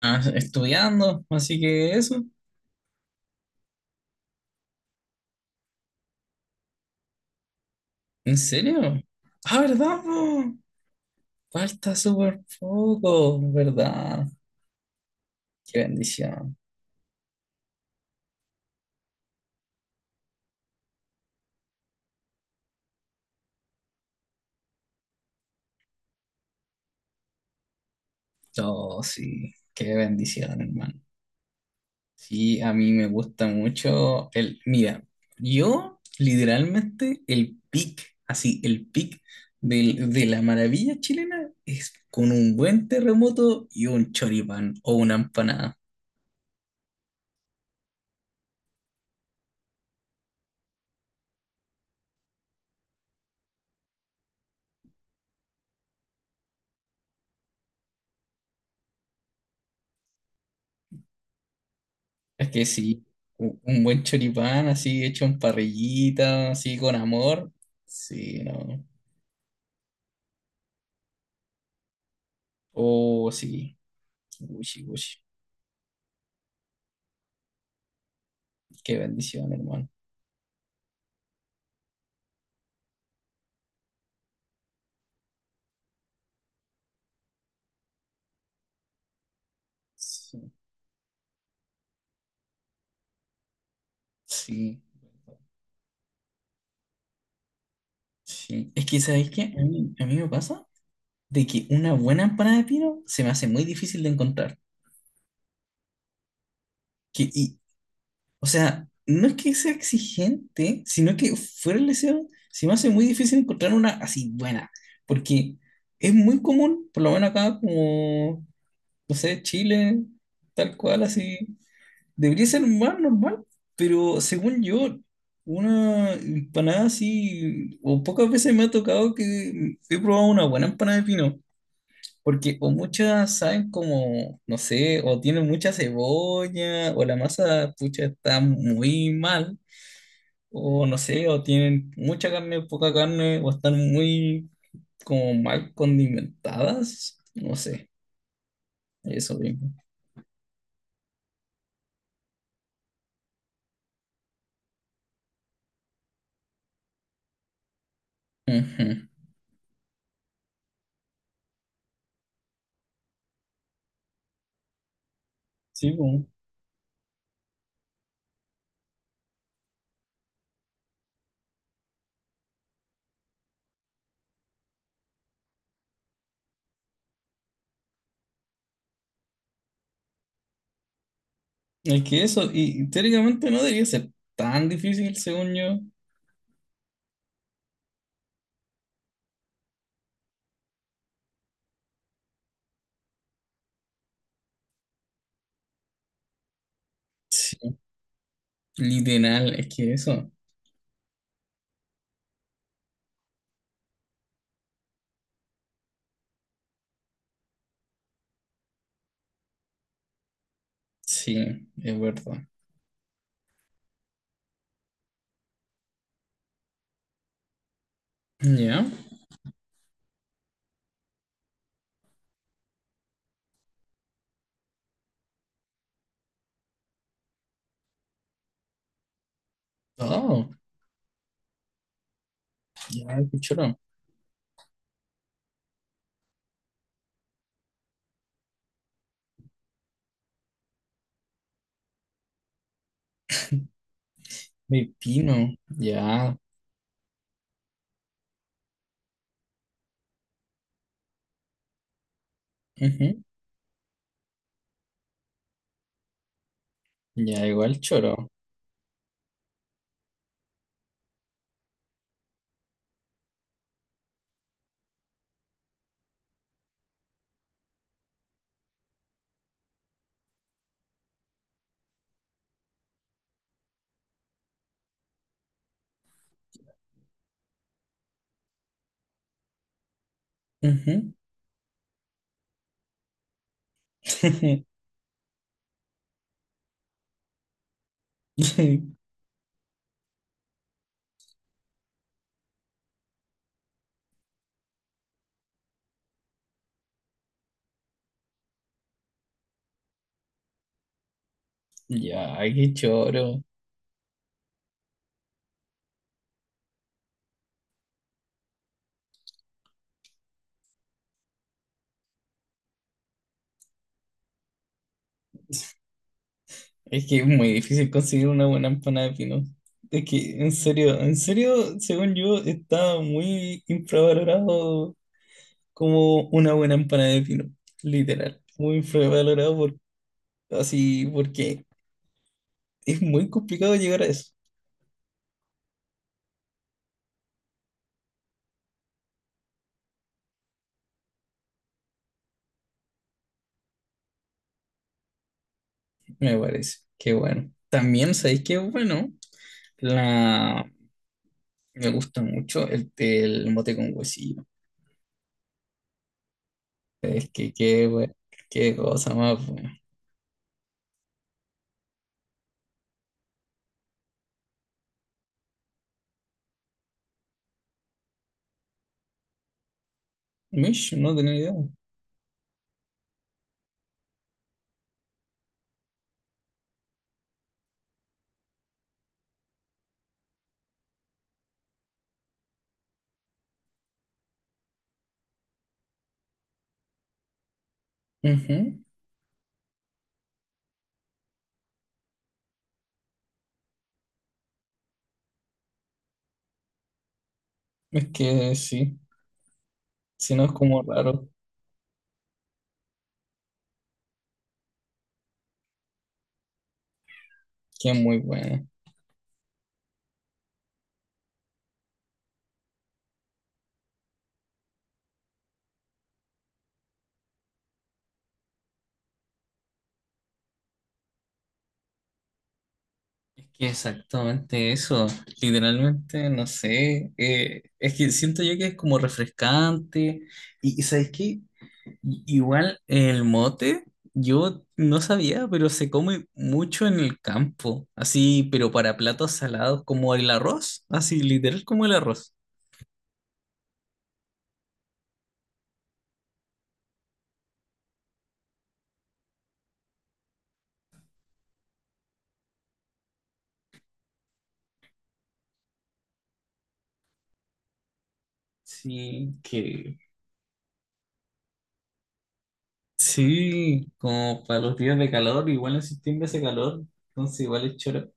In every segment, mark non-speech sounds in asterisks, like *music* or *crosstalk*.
Ah, estudiando, así que eso. ¿En serio? Ah, ¿verdad, po? Falta súper poco, ¿verdad? Qué bendición. Oh, sí, qué bendición, hermano. Sí, a mí me gusta mucho el... Mira, yo literalmente el pic, así, el pic de la maravilla chilena es con un buen terremoto y un choripán o una empanada. Es que sí, un buen choripán así hecho en parrillita, así con amor. Sí, no. Oh, sí. Gucci, gucci. Qué bendición, hermano. Sí, sí, sí. Es que, ¿sabéis qué? A mí me pasa de que una buena empanada de pino se me hace muy difícil de encontrar. Que, y, o sea, no es que sea exigente, sino que fuera el deseo, se me hace muy difícil encontrar una así buena. Porque es muy común, por lo menos acá, como no sé, Chile, tal cual, así. Debería ser más normal, pero según yo, una empanada así, o pocas veces me ha tocado que he probado una buena empanada de pino, porque o muchas saben como, no sé, o tienen mucha cebolla, o la masa, pucha, está muy mal, o no sé, o tienen mucha carne, poca carne, o están muy como mal condimentadas, no sé, eso mismo. Ujú. Sí, pues. Es que eso, y teóricamente no debería ser tan difícil, según yo. Sí, literal, es que eso. Sí, es verdad. Ya. Oh, ya, qué choro. Pepino, ya. Ujú. Ya, igual choro. Ujú. *laughs* Ya, qué choro. Es que es muy difícil conseguir una buena empanada de pino. Es que, en serio, según yo, está muy infravalorado como una buena empanada de pino, literal. Muy valorado por, así porque es muy complicado llegar a eso, me parece. Qué bueno. También sabéis que bueno, la me gusta mucho el mote con huesillo. Es que qué bueno, qué cosa más buena. Mish, no tenía idea. Ujú. Es que sí, si no es como raro, que es muy bueno. Es que exactamente eso, literalmente, no sé, es que siento yo que es como refrescante y ¿sabes qué? Igual el mote, yo no sabía, pero se come mucho en el campo, así, pero para platos salados como el arroz, así, literal como el arroz. Sí, que... Sí, como para los días de calor, igual en septiembre hace calor, entonces igual es choro.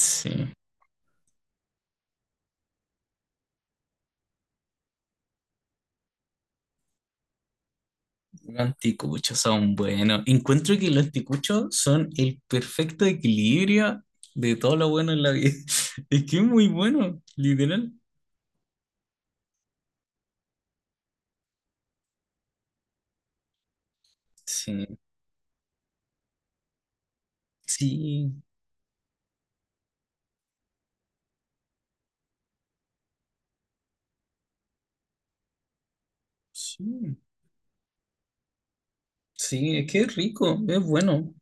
Sí. Los anticuchos son buenos. Encuentro que los anticuchos son el perfecto equilibrio de todo lo bueno en la vida. *laughs* Es que es muy bueno, literal. Sí, sí, sí, sí, es que es rico, es bueno.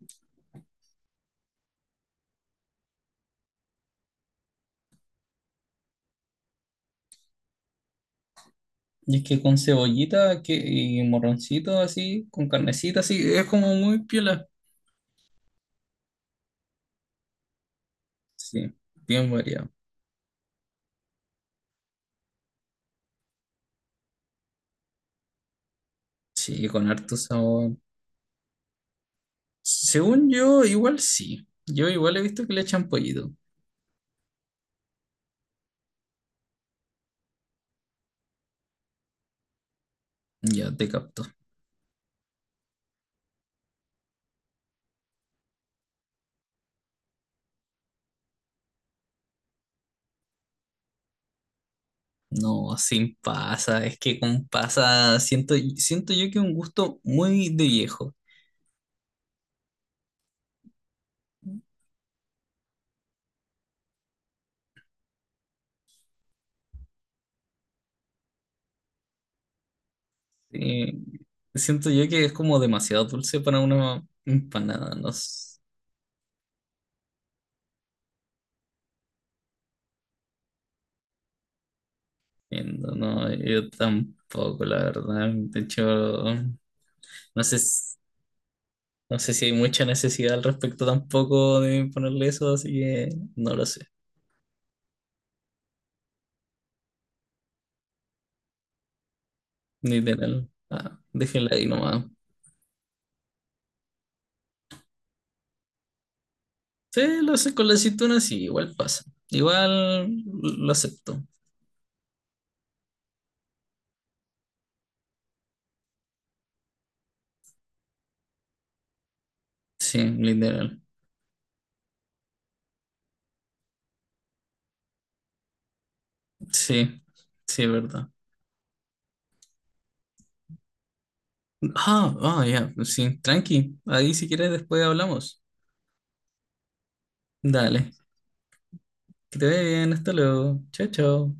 Y es que con cebollita que, y morroncito así, con carnecita así, es como muy piola. Sí, bien variado. Sí, con harto sabor. Según yo, igual sí. Yo igual he visto que le echan pollito. Ya te capto. No, sin pasa, es que con pasa siento, siento yo que es un gusto muy de viejo. Eh, siento yo que es como demasiado dulce para una empanada, no siento, no, yo tampoco, la verdad. De hecho, no sé, no sé si hay mucha necesidad al respecto tampoco de ponerle eso, así que no lo sé, literal. Ah, déjenla ahí nomás. Sí, lo hace con la aceituna, sí, igual pasa. Igual lo acepto. Sí, literal. Sí, sí, es verdad. Ah, ah, ya, pues sí, tranqui. Ahí si quieres después hablamos. Dale, que te vaya bien, hasta luego. Chao, chao.